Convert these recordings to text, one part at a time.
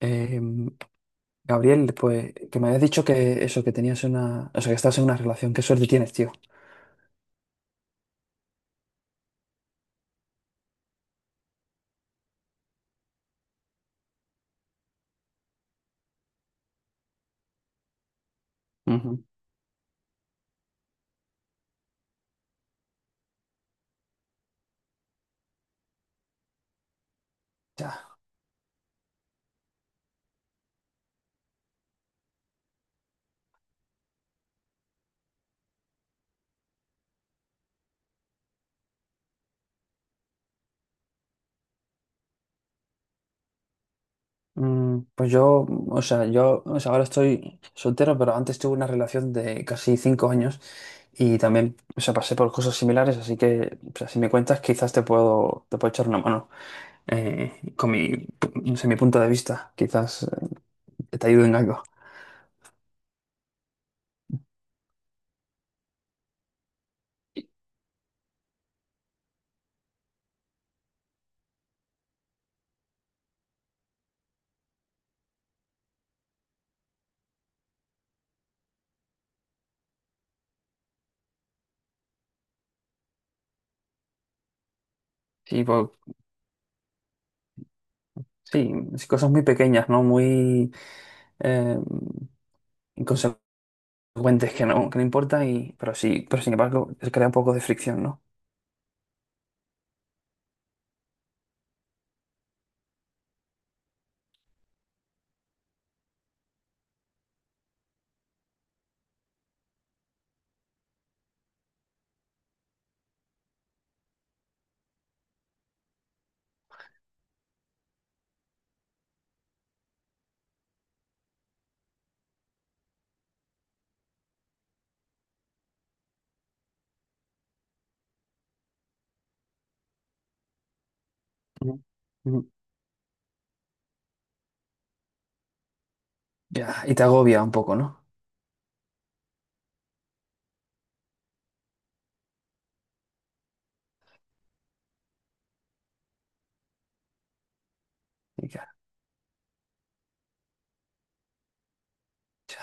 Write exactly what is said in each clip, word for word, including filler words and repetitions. Eh, Gabriel, pues que me habías dicho que eso, que tenías una, o sea, que estás en una relación, qué suerte tienes, tío. Ujú. Ya. Mm, pues yo, o sea, yo, o sea, ahora estoy soltero, pero antes tuve una relación de casi cinco años y también, o sea, pasé por cosas similares, así que, o sea, si me cuentas, quizás te puedo, te puedo echar una mano eh, con mi, no sé, mi punto de vista, quizás eh, te ayude en algo. Sí, pues, sí, sí, cosas muy pequeñas, ¿no? Muy eh, inconsecuentes cuentes que no, que no importa, y, pero sí, pero sin embargo, se crea un poco de fricción, ¿no? Ujú, ujú. Ya, y te agobia un poco, ¿no? Y ya, ya,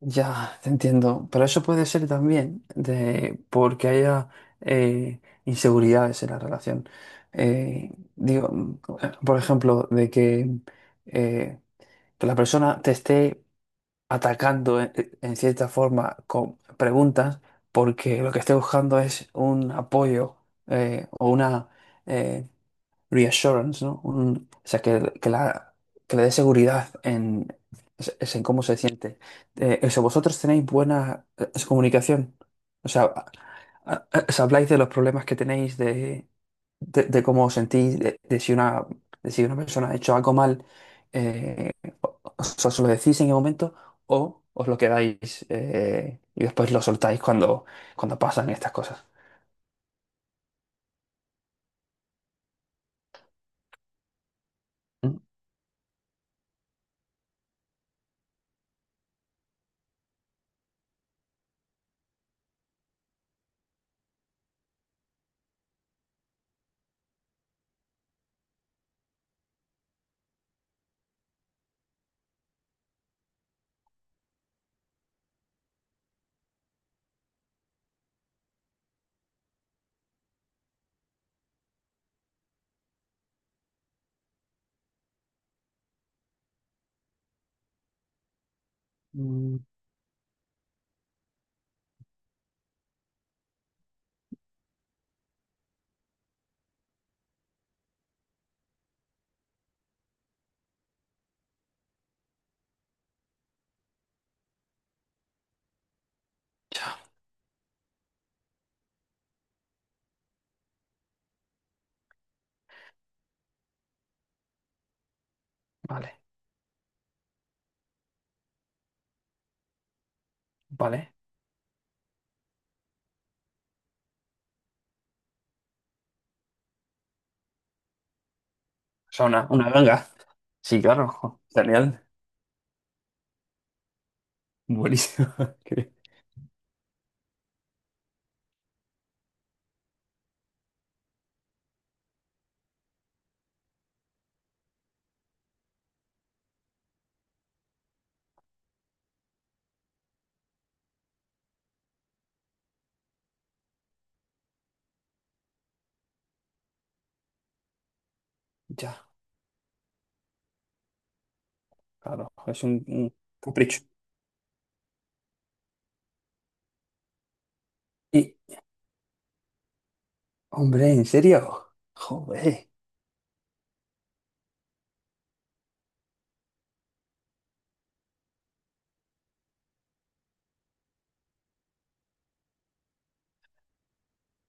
ya, te entiendo. Pero eso puede ser también de porque haya eh, inseguridades en la relación. Eh, digo, mm, por ejemplo, de que, eh, que la persona te esté atacando en, en cierta forma con preguntas, porque lo que estoy buscando es un apoyo eh, o una, eh, reassurance, ¿no? Un- o sea, que, que la, que le dé seguridad en, es- en cómo se siente. Eh, o sea, vosotros tenéis buena eh, comunicación. O sea, a- a- a- os habláis de los problemas que tenéis, de, de, de cómo os sentís, de, de si una, de si una persona ha hecho algo mal, eh, os, os lo decís en el momento o os lo quedáis eh, y después lo soltáis cuando, cuando pasan estas cosas. Mm, mm, ya. Vale, vale. O sea, una, una ganga. Sí, claro. Jo, genial. Buenísimo. Qué- Ya, claro. Es un, un capricho. Y, hombre, ¿en serio? Joder.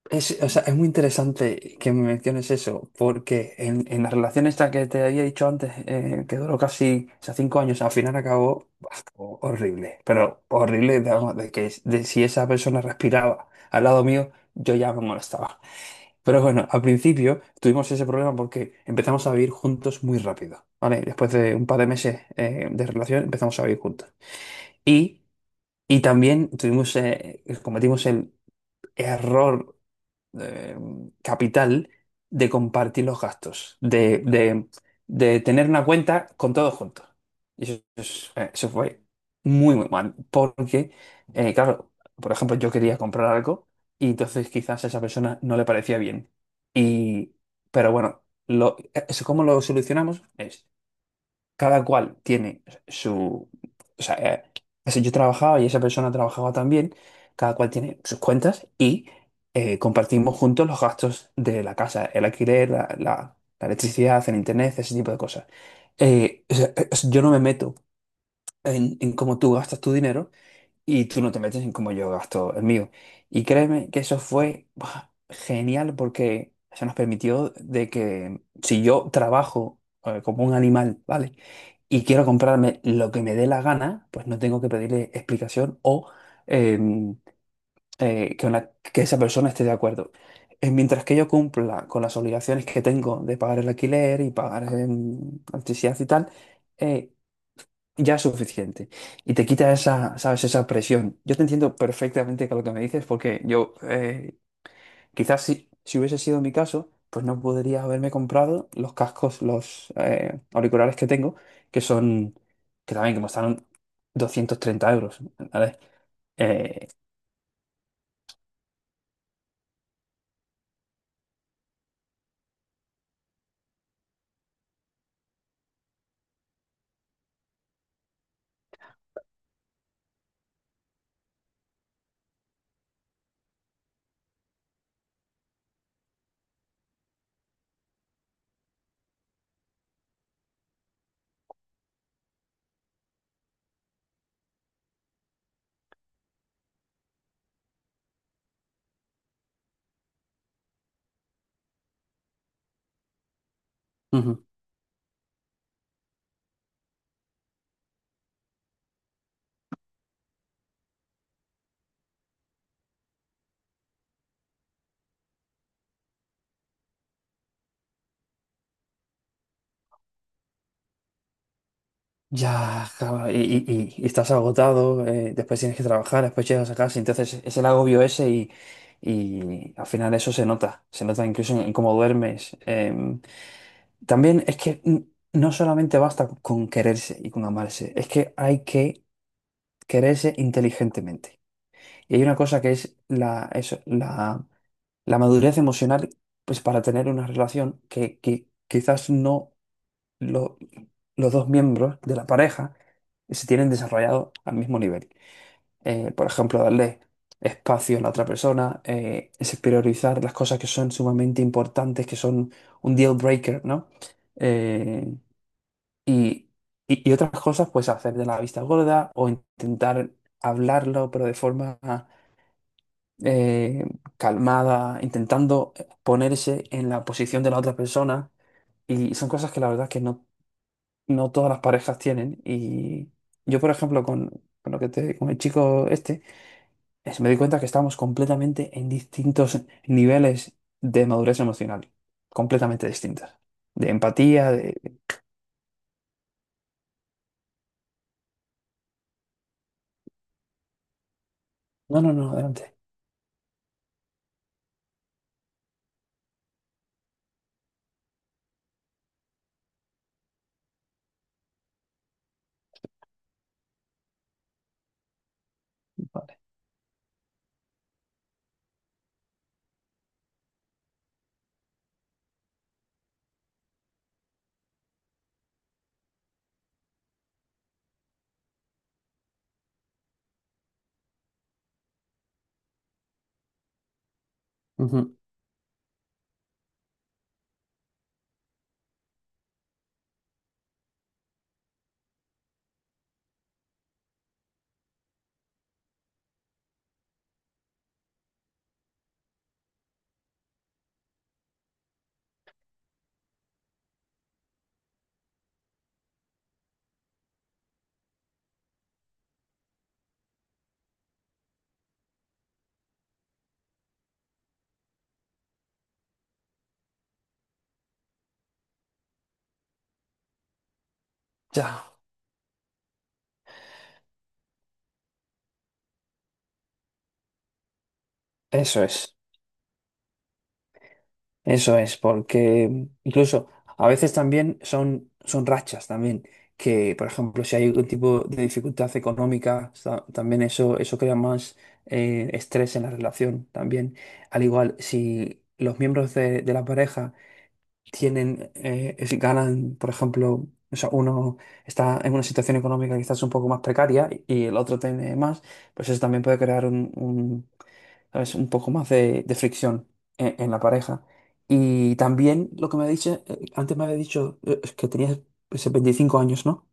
Es, o sea, es muy interesante que me menciones eso, porque en, en la relación esta que te había dicho antes, eh, que duró casi, o sea, cinco años, al final acabó ho- horrible, pero horrible, digamos, de que es- de si esa persona respiraba al lado mío, yo ya me molestaba. Pero bueno, al principio tuvimos ese problema porque empezamos a vivir juntos muy rápido, ¿vale? Después de un par de meses eh, de relación empezamos a vivir juntos. Y, y también tuvimos, eh, cometimos el error eh, capital de compartir los gastos, de, de- de tener una cuenta con todos juntos. Y eso, es- eh, eso fue muy, muy mal, porque, eh, claro, por ejemplo, yo quería comprar algo y entonces quizás a esa persona no le parecía bien. Y, pero bueno, lo, eh, eso cómo lo solucionamos es cada cual tiene su... O sea, eh, ese yo trabajaba y esa persona trabajaba también, cada cual tiene sus cuentas y eh, compartimos juntos los gastos de la casa, el alquiler, la, la- la electricidad, el internet, ese tipo de cosas. Eh, o sea, eh, yo no me meto en, en cómo tú gastas tu dinero, y tú no te metes en cómo yo gasto el mío. Y créeme que eso fue buah, genial porque se nos permitió de que si yo trabajo eh, como un animal, ¿vale? Y quiero comprarme lo que me dé la gana, pues no tengo que pedirle explicación o eh, eh, que, una- que esa persona esté de acuerdo. Eh, Mientras que yo cumpla con las obligaciones que tengo de pagar el alquiler y pagar eh, electricidad y tal, eh, ya es suficiente. Y te quita esa, ¿sabes? Esa presión. Yo te entiendo perfectamente con lo que me dices, porque yo eh, quizás si, si hubiese sido mi caso, pues no podría haberme comprado los cascos, los eh, auriculares que tengo, que son, que también que costaron doscientos treinta euros, ¿vale? Eh, ujú. Ya, claro, y, y- y- y estás agotado, eh, después tienes que trabajar, después llegas a casa, entonces es el agobio ese y, y al final eso se nota, se nota incluso en, en cómo duermes. em, También es que n- no solamente basta con quererse y con amarse, es que hay que quererse inteligentemente. Y hay una cosa que es la, eso, la, la madurez emocional, pues para tener una relación que, que quizás no lo- los dos miembros de la pareja se tienen desarrollado al mismo nivel. Eh, por ejemplo, darle espacio a la otra persona, eh, es priorizar las cosas que son sumamente importantes, que son un deal breaker, ¿no? Eh, y, y- y otras cosas, pues hacer de la vista gorda o intentar hablarlo, pero de forma eh, calmada, intentando ponerse en la posición de la otra persona. Y son cosas que la verdad es que no, no todas las parejas tienen. Y yo, por ejemplo, con, con lo que te, con el chico este, es- me di cuenta que estamos completamente en distintos niveles de madurez emocional. Completamente distintas. De empatía, de... No, no, no, adelante. Vale. Ujú. Ya. Eso es, eso es, porque incluso a veces también son, son rachas también, que por ejemplo si hay algún tipo de dificultad económica, sa- también eso, eso crea más eh, estrés en la relación también. Al igual, si los miembros de, de la pareja tienen, eh, es- ganan, por ejemplo, o sea, uno está en una situación económica quizás un poco más precaria y, el otro tiene más, pues eso también puede crear un, un, ¿sabes? Un poco más de, de fricción en, en la pareja. Y también lo que me ha dicho, eh, antes me había dicho eh, es que tenías pues, veinticinco años, ¿no?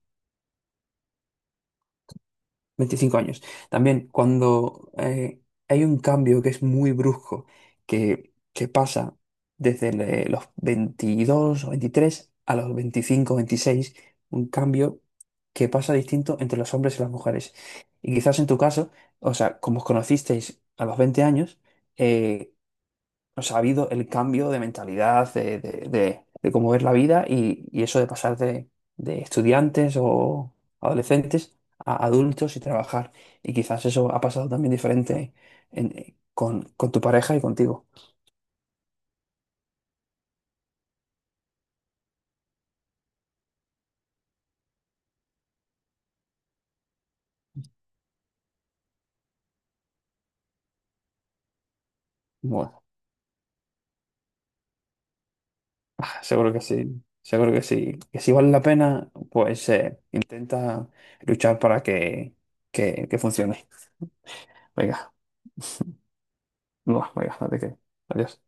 Veinticinco años. También cuando eh, hay un cambio que es muy brusco, que, que pasa desde le- los veintidós o veintitrés a los veinticinco o veintiséis, un cambio que pasa distinto entre los hombres y las mujeres. Y quizás en tu caso, o sea, como os conocisteis a los veinte años, eh, o sea, ha habido el cambio de mentalidad, de, de- de- de cómo ver la vida y, y eso de pasar de, de estudiantes o adolescentes a adultos y trabajar. Y quizás eso ha pasado también diferente en- con, con tu pareja y contigo. Bueno, ah, seguro que sí, seguro que sí. Que si vale la pena, pues eh, intenta luchar para que, que, que funcione. Venga, no, venga, no te quedes. Adiós.